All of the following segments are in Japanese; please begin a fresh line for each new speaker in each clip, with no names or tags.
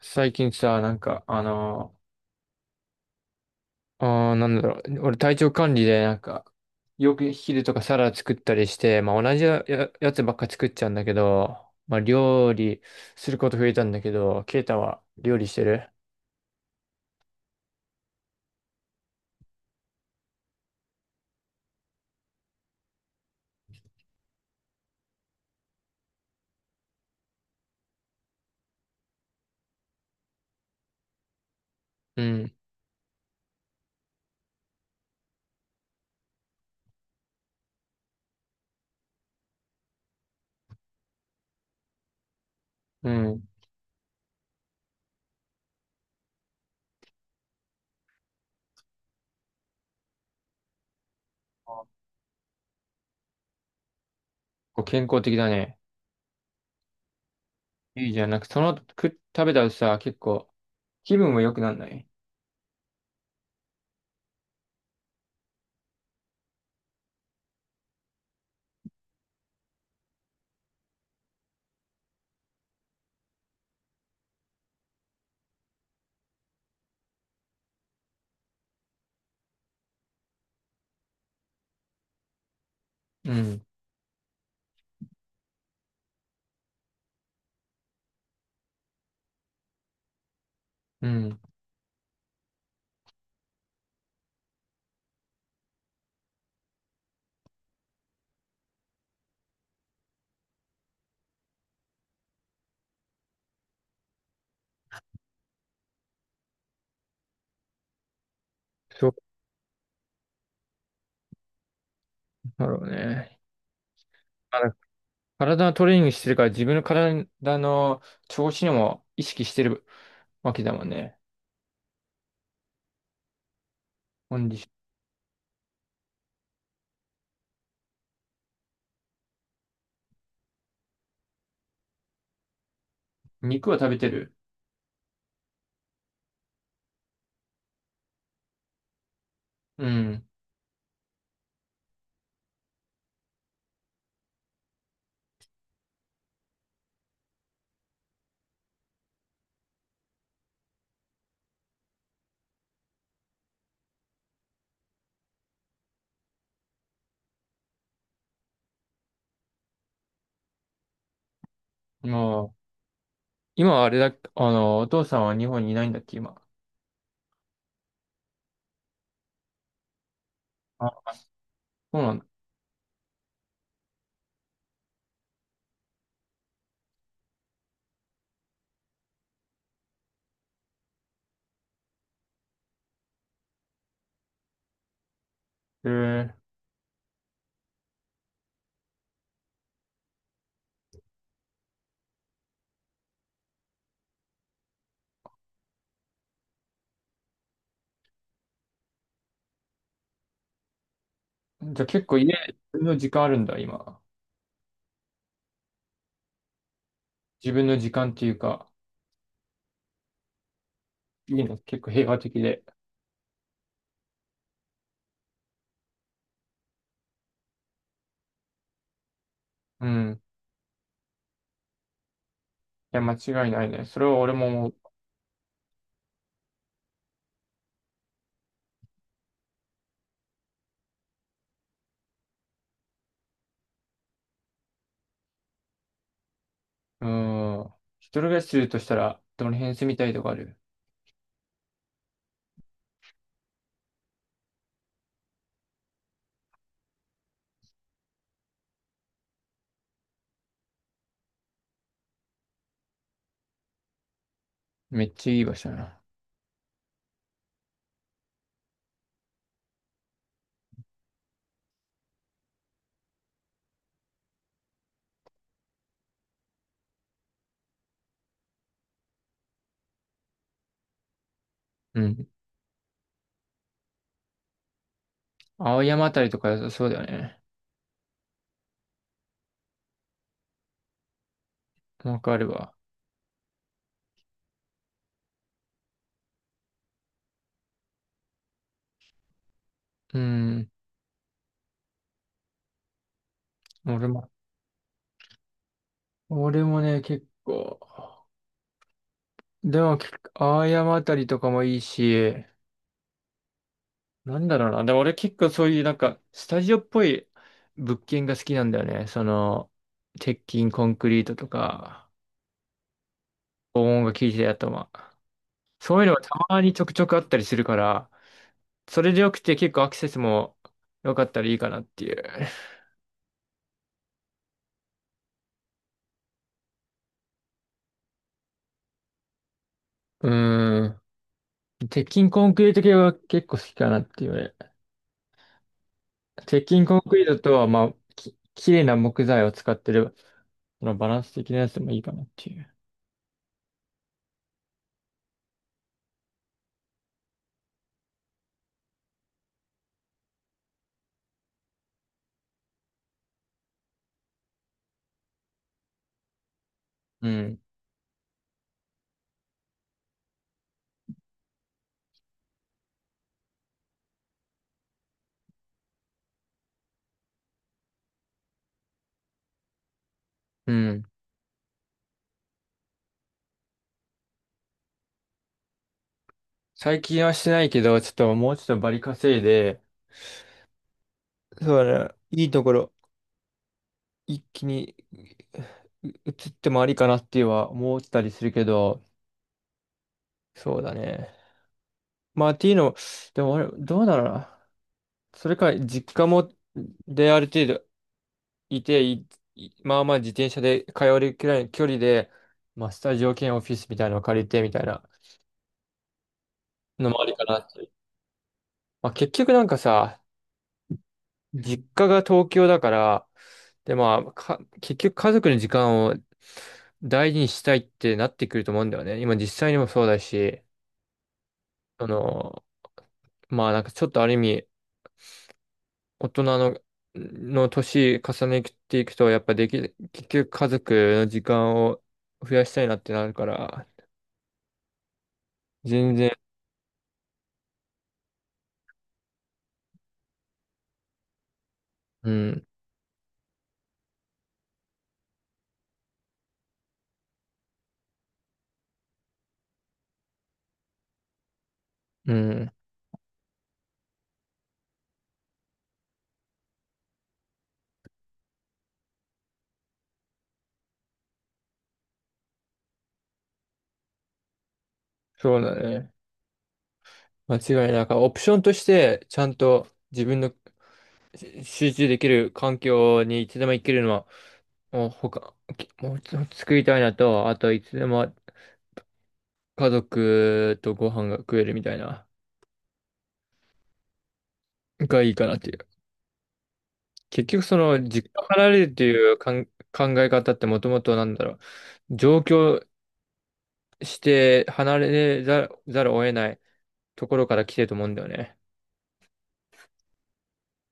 最近さ、俺体調管理で、よく昼とかサラダ作ったりして、まあ同じや、ややつばっか作っちゃうんだけど、まあ料理すること増えたんだけど、ケイタは料理してる？うん、うん。こう健康的だね。いいじゃん。その食べたらさ、結構気分も良くなんない？うん、うん。そうだろうね。あの体のトレーニングしてるから自分の体の調子にも意識してるわけだもんね。コンディション。肉は食べてる？うん。まあ、今はあれだ、お父さんは日本にいないんだっけ、今。あ、そうなんだ。えー、じゃあ結構家、自分の時間あるんだ、今。自分の時間っていうか、いいね、結構平和的で。うん。いや、間違いないね。それは俺も思う、うん。一人暮らしするとしたら、どの辺住みたいとかある？めっちゃいい場所だな。うん。青山あたりとか良さそうだよね。わかるわ。うん。俺も、結構、でも、結構青山あたりとかもいいし、なんだろうな。でも俺結構そういうスタジオっぽい物件が好きなんだよね。その、鉄筋コンクリートとか、防音が効いてるやつとか。そういうのがたまにちょくちょくあったりするから、それでよくて結構アクセスも良かったらいいかなっていう。うーん。鉄筋コンクリート系は結構好きかなっていうね。鉄筋コンクリートとは、まあ、綺麗な木材を使ってる、そのバランス的なやつでもいいかなっていう。うん。うん。最近はしてないけど、ちょっともうちょっとバリ稼いで、そうだね。いいところ、一気にう移ってもありかなっては思ったりするけど、そうだね。まあ、っていうのでも俺、どうだろうな。それか、実家も、で、ある程度いて、いまあまあ自転車で通えるくらいの距離で、まあ、スタジオ兼オフィスみたいなのを借りてみたいなのもありかなって。まあ、結局なんかさ、実家が東京だから、で、まあ、か、結局家族の時間を大事にしたいってなってくると思うんだよね。今実際にもそうだし、その、まあなんかちょっとある意味、大人の年重ねていくと、やっぱでき、結局家族の時間を増やしたいなってなるから、全然、うん、うん、そうだね。間違いない。からオプションとして、ちゃんと自分の集中できる環境にいつでも行けるのは、もうちょっと作りたいなと、あといつでも家族とご飯が食えるみたいな、がいいかなっていう。結局その、実家離れるっていうかん考え方ってもともとなんだろう、上京して離れざる、ざるを得ないところから来てると思うんだよね。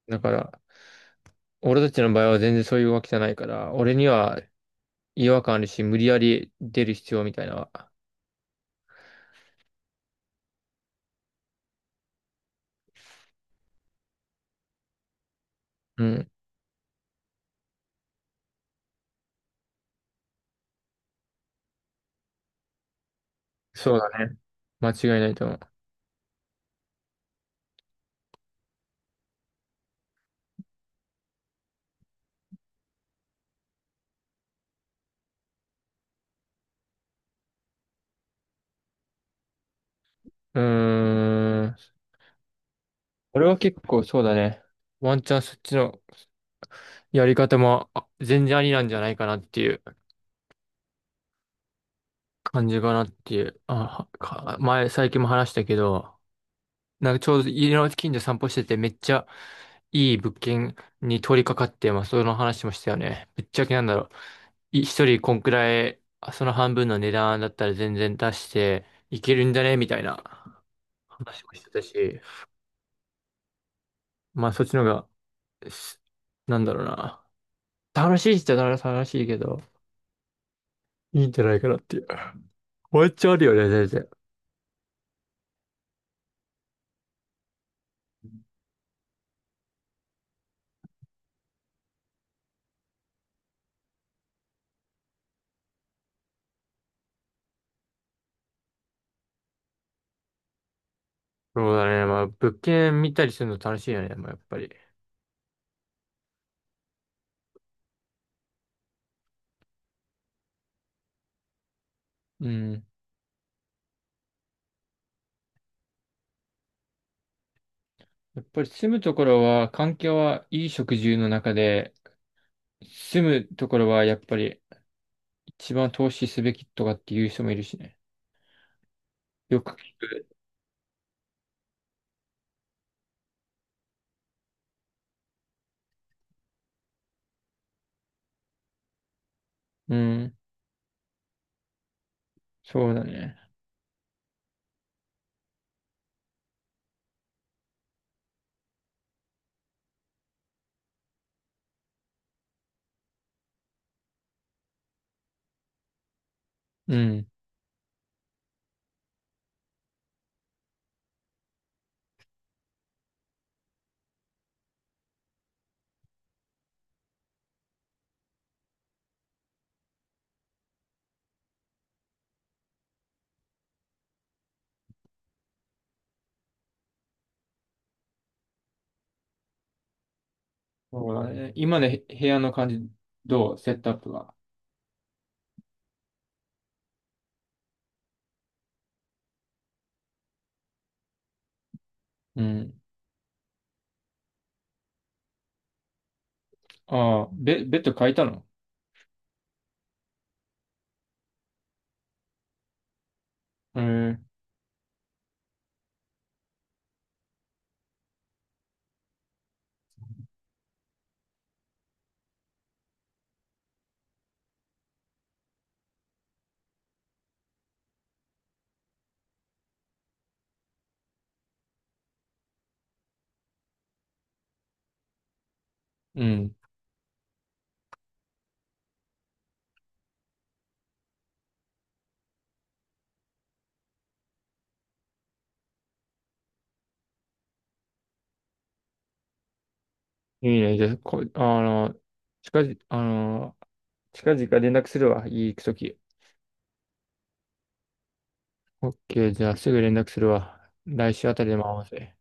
だから、俺たちの場合は全然そういうわけじゃないから、俺には違和感あるし、無理やり出る必要みたいな。うん。そうだね。間違いないと思う。うーん。俺は結構そうだね。ワンチャンそっちのやり方も全然ありなんじゃないかなっていう感じかなっていう。あ、最近も話したけど、なんかちょうど家の近所散歩しててめっちゃいい物件に取り掛かって、まあその話もしたよね。ぶっちゃけなんだろう。一人こんくらい、その半分の値段だったら全然出していけるんじゃねみたいな話もしてたし、まあそっちの方が、すなんだろうな。楽しいっちゃ楽しいけど、いいんじゃないかなっていう。ワンチャあるよね、全然。そうだね。まあ、物件見たりするの楽しいよね、まあ、やっぱり。うん。やっぱり住むところは、環境はいい食住の中で、住むところはやっぱり一番投資すべきとかっていう人もいるしね。よく聞く。うん。そうだね。うん。そうだね。今の部屋の感じ、どうセットアップが。うん。ああ、ベッド変えたの？うん。うん。いいね。じゃあ、こ、あの、近々、近々連絡するわ。いい行くとき。オッケー、じゃあすぐ連絡するわ。来週あたりでも合わせ。